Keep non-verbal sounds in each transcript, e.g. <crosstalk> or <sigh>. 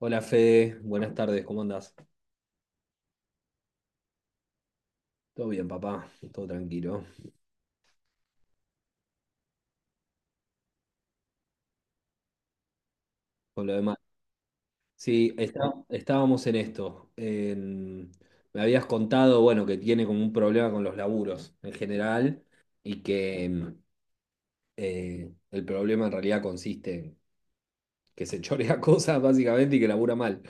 Hola Fede, buenas tardes, ¿cómo andás? Todo bien, papá, todo tranquilo. Por lo demás. Sí, estábamos en esto. Me habías contado, bueno, que tiene como un problema con los laburos en general y que el problema en realidad consiste en que se chorea <laughs> cosas básicamente y que labura mal.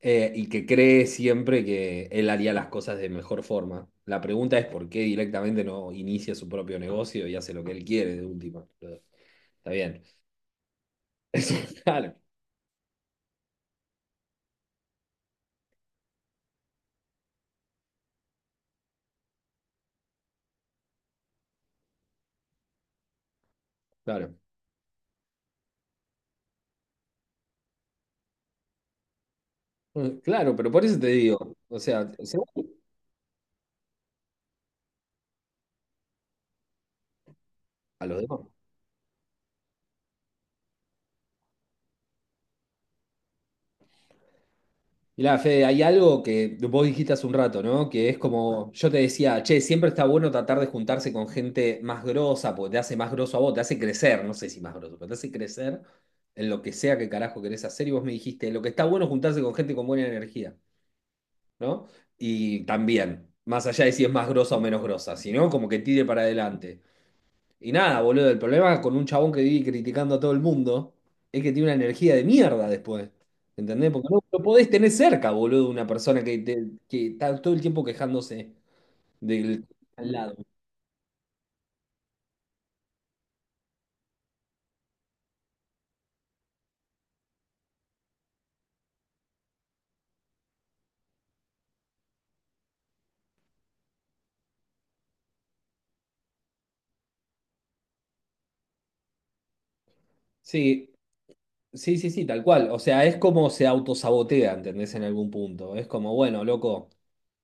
Y que cree siempre que él haría las cosas de mejor forma. La pregunta es por qué directamente no inicia su propio negocio y hace lo que él quiere de última. Pero está bien. Eso, <laughs> claro, claro. claro, pero por eso te digo, o sea, seguro a los demás. Mirá, Fede, hay algo que vos dijiste hace un rato, ¿no? Que es como, yo te decía, che, siempre está bueno tratar de juntarse con gente más grosa, porque te hace más groso a vos, te hace crecer, no sé si más groso, pero te hace crecer en lo que sea que carajo querés hacer. Y vos me dijiste, lo que está bueno es juntarse con gente con buena energía, ¿no? Y también, más allá de si es más grosa o menos grosa, sino como que tire para adelante. Y nada, boludo, el problema con un chabón que vive criticando a todo el mundo es que tiene una energía de mierda después. ¿Entendés? Porque no lo podés tener cerca, boludo, una persona que, que está todo el tiempo quejándose del al lado. Sí, sí, sí, sí, tal cual. O sea, es como se autosabotea, ¿entendés? En algún punto. Es como, bueno, loco,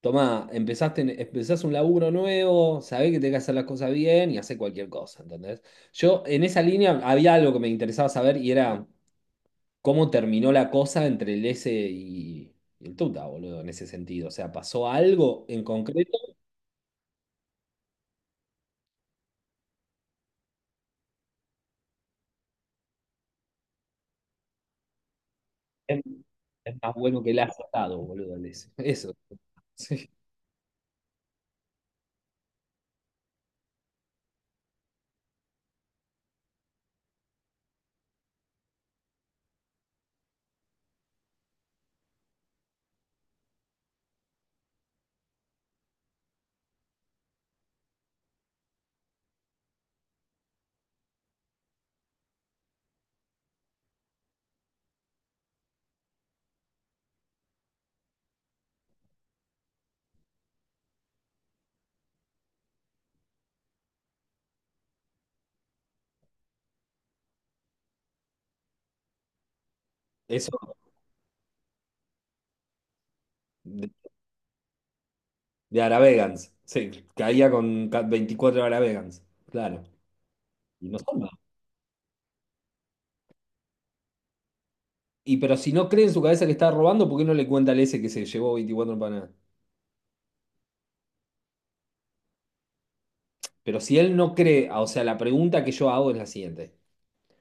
tomá, empezás un laburo nuevo, sabés que tenés que hacer las cosas bien y hacés cualquier cosa, ¿entendés? Yo, en esa línea, había algo que me interesaba saber y era cómo terminó la cosa entre el S y el Tuta, boludo, en ese sentido. O sea, pasó algo en concreto. Es, es más bueno que el asado, boludo, el S. <laughs> Eso, sí. Eso de, de Aravegans. Sí, caía con 24 Aravegans. Claro. Y no son más. Y pero si no cree en su cabeza que está robando, ¿por qué no le cuenta al Ese que se llevó 24 empanadas? Pero si él no cree, ah, o sea, la pregunta que yo hago es la siguiente.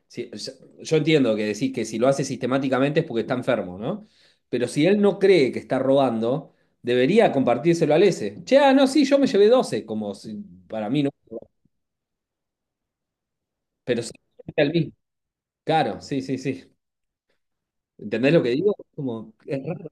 Sí, o sea, yo entiendo que decís que si lo hace sistemáticamente es porque está enfermo, ¿no? Pero si él no cree que está robando, debería compartírselo al ese. Che, ah, no, sí, yo me llevé 12 como si- para mí, ¿no? Pero sí, al mismo. Claro, sí, sí, sí. ¿Entendés lo que digo? Como, es raro.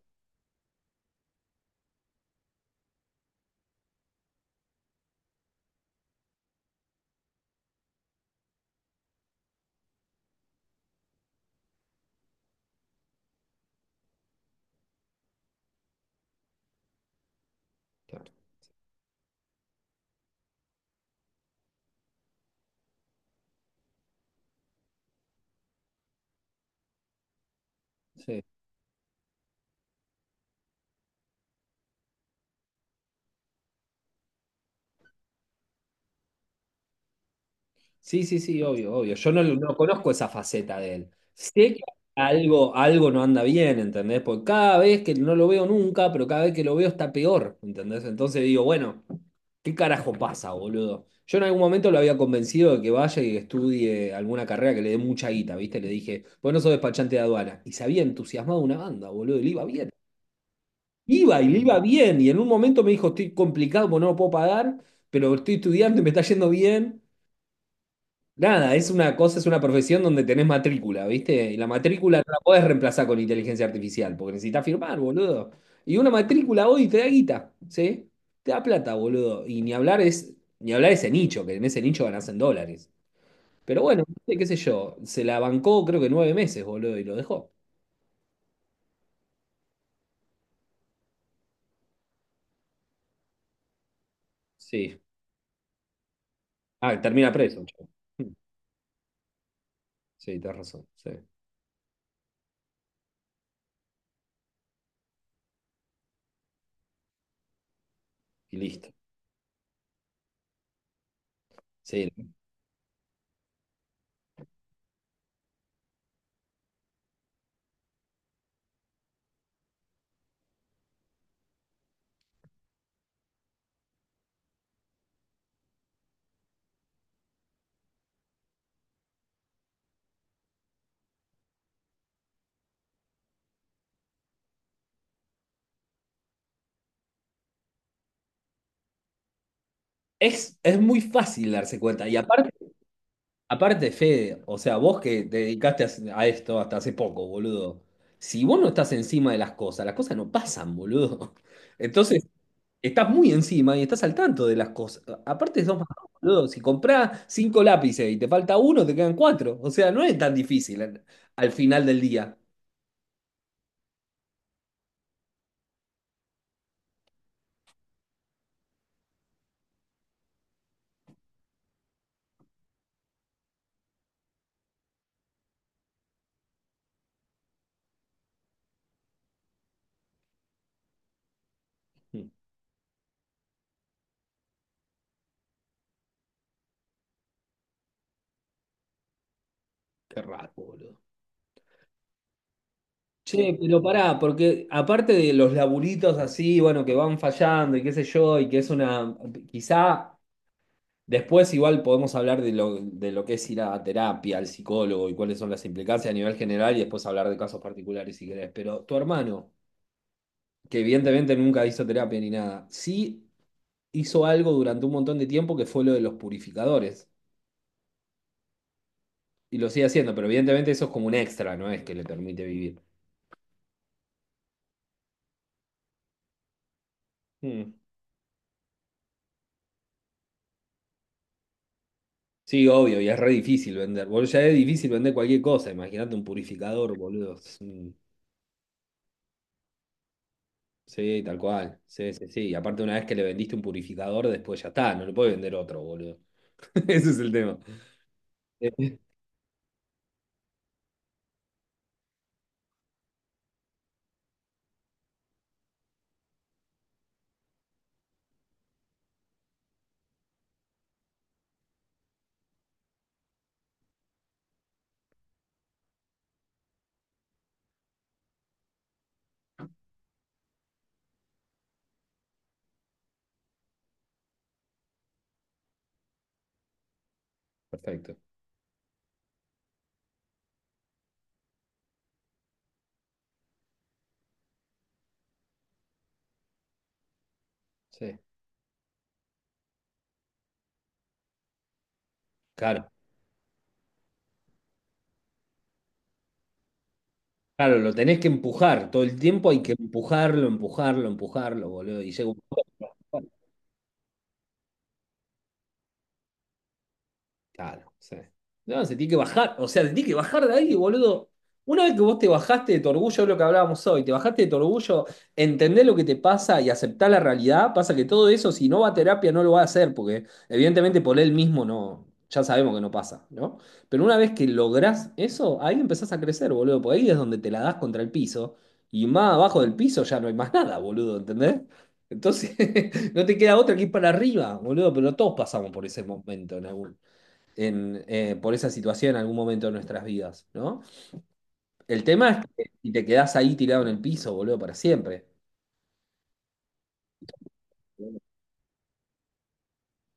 Sí. Sí, sí, sí, obvio, obvio. Yo no, No conozco esa faceta de él. Sé que algo no anda bien, ¿entendés? Porque cada vez que no lo veo nunca, pero cada vez que lo veo está peor, ¿entendés? Entonces digo, bueno, ¿qué carajo pasa, boludo? Yo en algún momento lo había convencido de que vaya y estudie alguna carrera que le dé mucha guita, ¿viste? Le dije, vos no sos despachante de aduana. Y se había entusiasmado una banda, boludo, y le iba bien. Iba y le iba bien. Y en un momento me dijo, estoy complicado porque no lo puedo pagar, pero estoy estudiando y me está yendo bien. Nada, es una profesión donde tenés matrícula, ¿viste? Y la matrícula no la podés reemplazar con inteligencia artificial, porque necesitas firmar, boludo. Y una matrícula hoy te da guita, ¿sí? Te da plata, boludo. Y ni hablar ese nicho, que en ese nicho ganás en dólares. Pero bueno, ¿viste? Qué sé yo, se la bancó creo que 9 meses, boludo, y lo dejó. Sí. Ah, termina preso, che. Hm, Sí, tenés razón. Sí. Y listo. Sí. Es muy fácil darse cuenta. Y aparte, aparte, Fede, o sea, vos que te dedicaste a esto hasta hace poco, boludo. Si vos no estás encima de las cosas no pasan, boludo. <laughs> Entonces, estás muy encima y estás al tanto de las cosas. Aparte, sos más, boludo. Si comprás 5 lápices y te falta uno, te quedan cuatro. O sea, no es tan difícil al, al final del día. Mm, Qué raro, boludo. Che, pero pará, porque aparte de los laburitos así, bueno, que van fallando y qué sé yo, y que es una, quizá después igual podemos hablar de de lo que es ir a terapia, al psicólogo y cuáles son las implicancias a nivel general y después hablar de casos particulares si querés. Pero tu hermano, que evidentemente nunca hizo terapia ni nada, sí hizo algo durante un montón de tiempo que fue lo de los purificadores. Y lo sigue haciendo, pero evidentemente eso es como un extra, no es que le permite vivir. Mm. Sí, obvio, y es re difícil vender. Boludo, ya es difícil vender cualquier cosa. Imagínate un purificador, boludo. Es un- sí, tal cual. Sí, sí, sí. Y aparte, una vez que le vendiste un purificador, después ya está, no le puedes vender otro, boludo. <laughs> Ese es el tema. Eh, Perfecto. Sí. Claro. Claro, lo tenés que empujar. Todo el tiempo hay que empujarlo, empujarlo, empujarlo, boludo. Y llega un punto. Claro, sí. No, se tiene que bajar, o sea, se tiene que bajar de ahí, boludo. Una vez que vos te bajaste de tu orgullo, es lo que hablábamos hoy, te bajaste de tu orgullo, entender lo que te pasa y aceptar la realidad, pasa que todo eso, si no va a terapia, no lo va a hacer, porque evidentemente por él mismo no, ya sabemos que no pasa, ¿no? Pero una vez que lográs eso, ahí empezás a crecer, boludo, porque ahí es donde te la das contra el piso, y más abajo del piso ya no hay más nada, boludo, ¿entendés? Entonces, <laughs> no te queda otra que ir para arriba, boludo, pero todos pasamos por ese momento por esa situación en algún momento de nuestras vidas, ¿no? El tema es que si te quedás ahí tirado en el piso, boludo, para siempre.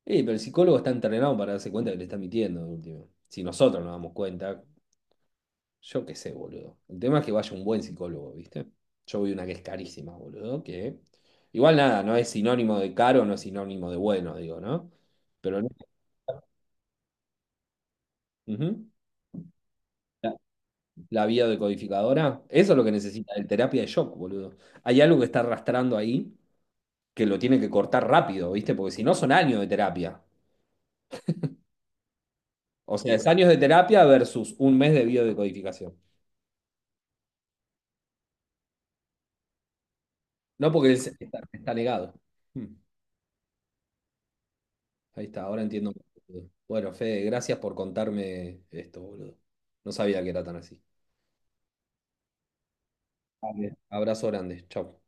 Pero el psicólogo está entrenado para darse cuenta que le está mintiendo, de último. Si nosotros nos damos cuenta, yo qué sé, boludo. El tema es que vaya un buen psicólogo, ¿viste? Yo voy a una que es carísima, boludo, que... Igual nada, no es sinónimo de caro, no es sinónimo de bueno, digo, ¿no? Pero no- ujú. La, la biodecodificadora, eso es lo que necesita, el terapia de shock, boludo. Hay algo que está arrastrando ahí que lo tiene que cortar rápido, ¿viste? Porque si no son años de terapia. O sea, es años de terapia versus 1 mes de biodecodificación. No porque está, está negado. Hmm, Ahí está, ahora entiendo. Bueno, Fede, gracias por contarme esto, boludo. No sabía que era tan así. Vale. Abrazo grande. Chau.